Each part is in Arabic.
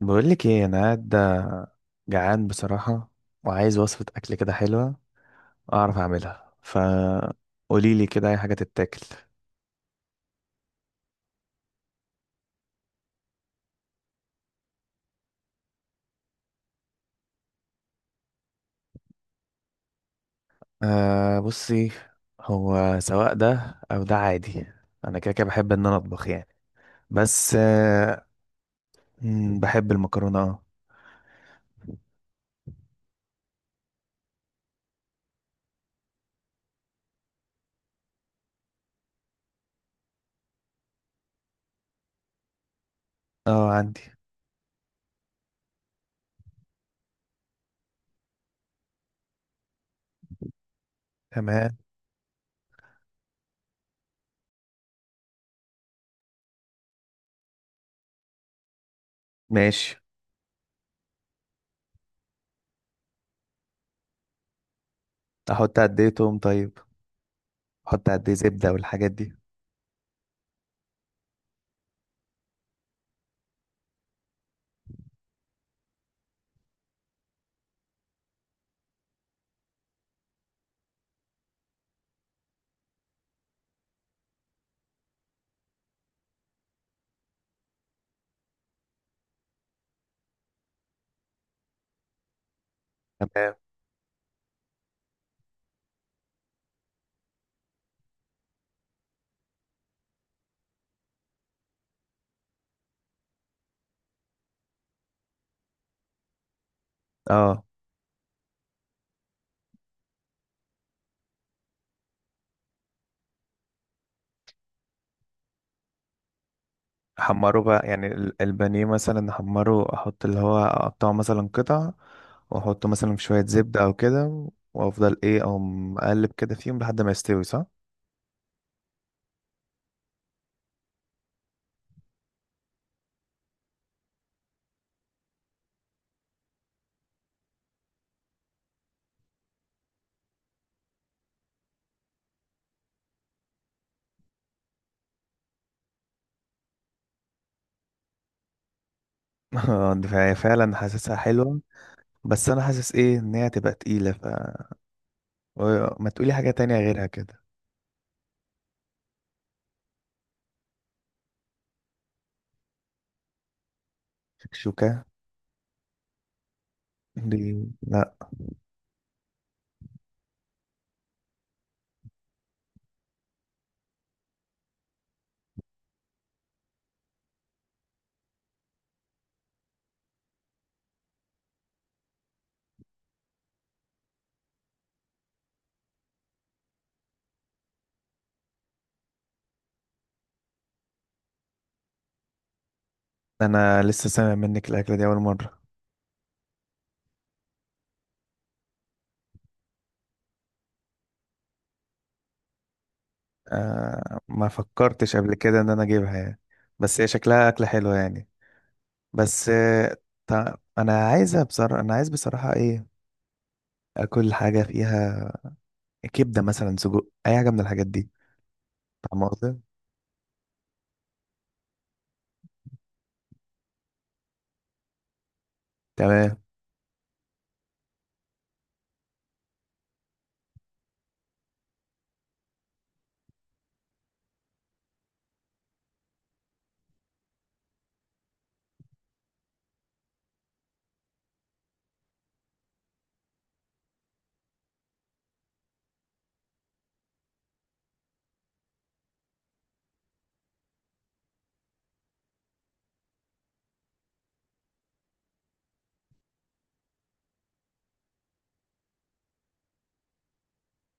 بقول لك ايه، انا قاعد جعان بصراحه. وعايز وصفه اكل كده حلوه اعرف اعملها، فقولي لي كده اي حاجه تتاكل. آه، بصي. هو سواء ده او ده عادي. انا كده كده بحب ان انا اطبخ يعني. بس. مم، بحب المكرونه اه. اه، عندي. تمام. ماشي. احط قد ايه توم طيب؟ احط قد ايه زبده والحاجات دي؟ تمام. اه، احمره بقى يعني البانيه مثلا احمره، احط اللي هو اقطعه مثلا قطع، واحطه مثلا في شوية زبدة او كده. وافضل ايه او مقلب كده فيهم لحد ما يستوي صح؟ آه، فهي فعلا حاسسها حلوة. بس انا حاسس ايه ان هي تبقى تقيلة ف ما تقولي حاجة تانية غيرها كده؟ شكشوكة؟ دي؟ لا. انا لسه سامع منك الاكلة دي اول مرة. آه، ما فكرتش قبل كده ان انا اجيبها يعني. بس هي شكلها اكلة حلوة يعني. بس. طب انا عايزة بصراحة، انا عايز بصراحة ايه، اكل حاجة فيها كبدة مثلا، سجق، اي حاجة من الحاجات دي. فاهم قصدي؟ تمام.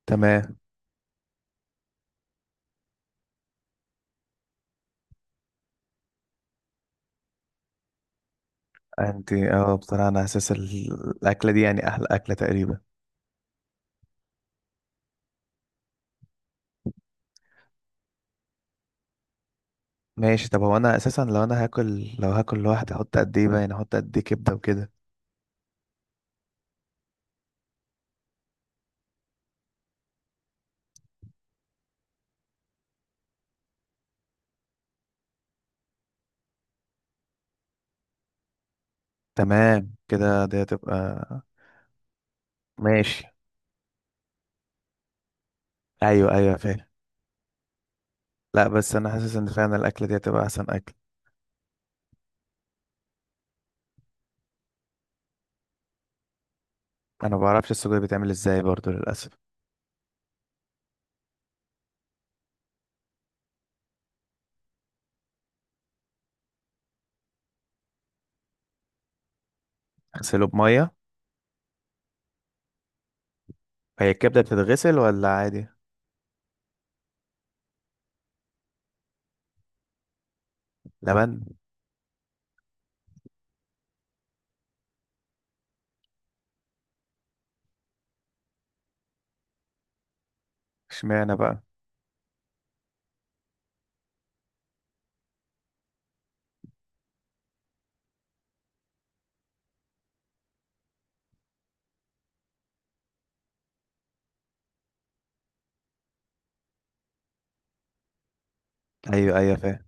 تمام. انت بصراحة انا اساس الاكلة دي يعني احلى اكلة تقريبا. ماشي. طب هو انا اساسا لو هاكل لوحدي احط قد ايه بقى، يعني احط قد ايه كبدة وكده؟ تمام كده، دي هتبقى. ماشي. ايوه، ايوه، فاهم. لا، بس انا حاسس ان فعلا الاكلة دي هتبقى احسن اكل. انا ما بعرفش السجق بيتعمل ازاي برضو للاسف. اغسله بمية؟ هي الكبدة بتتغسل ولا عادي؟ لبن؟ اشمعنى بقى؟ ايوه، ايوه، فاهم.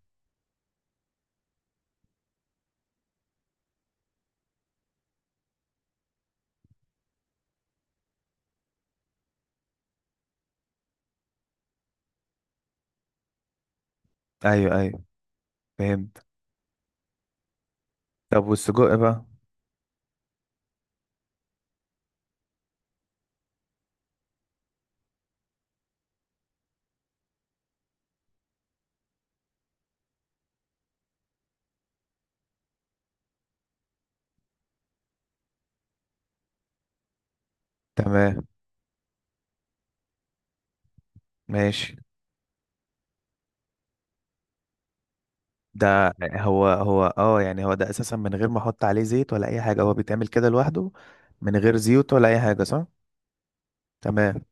ايوه، ايوه، فهمت. طب والسجق بقى؟ تمام. ماشي. ده، هو يعني هو ده اساسا من غير ما احط عليه زيت ولا اي حاجه، هو بيتعمل كده لوحده؟ من غير زيوت ولا اي حاجه صح؟ تمام.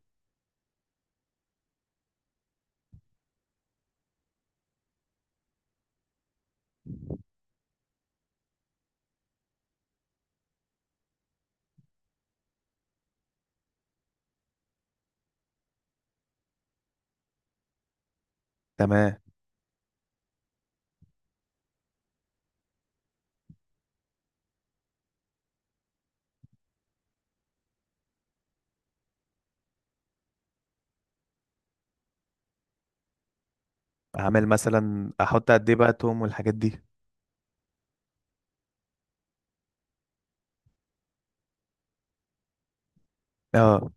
تمام. اعمل مثلا، احط قد ايه بقى توم والحاجات دي؟ اه.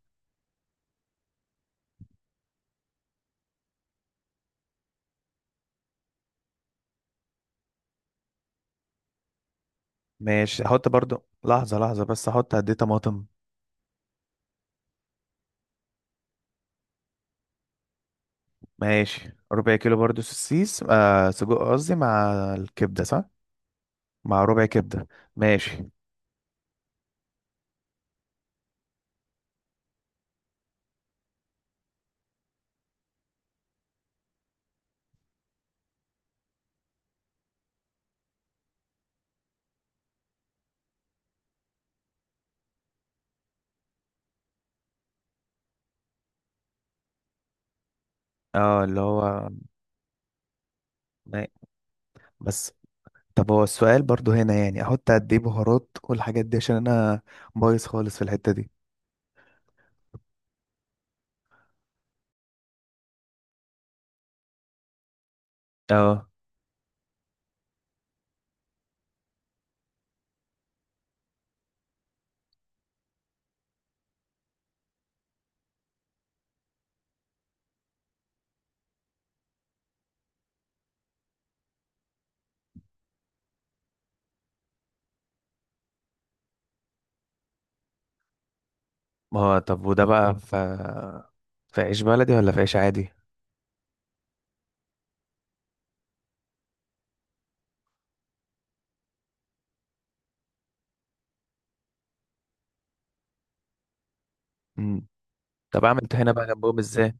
ماشي، احط برضو لحظه لحظه، بس احط قد ايه طماطم؟ ماشي، ربع كيلو برضو سوسيس سجق قصدي، مع الكبده صح؟ مع ربع كبده. ماشي. اه، اللي هو ما- بس. طب هو السؤال برضو هنا يعني احط قد ايه بهارات والحاجات دي عشان انا بايظ خالص في الحتة دي. اه ما هو طب وده بقى في عيش بلدي ولا في عيش عادي؟ امم. طب اعمل طحينه بقى جنبهم ازاي؟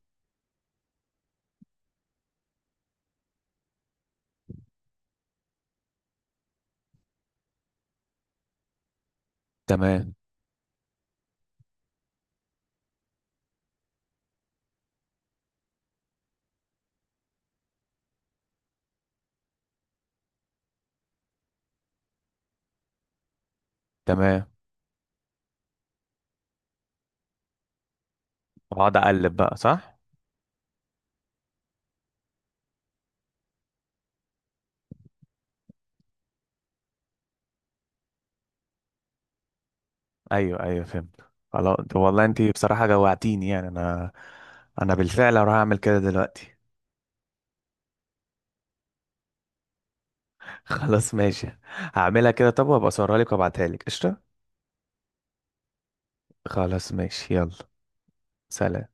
تمام. تمام. واقعد اقلب بقى صح؟ ايوه، ايوه، فهمت. خلاص والله انت بصراحه جوعتيني يعني انا، انا بالفعل هروح اعمل كده دلوقتي. خلاص ماشي، هعملها كده. طب وابقى اصورها لك وابعتها لك قشطه؟ خلاص ماشي، يلا. سلام.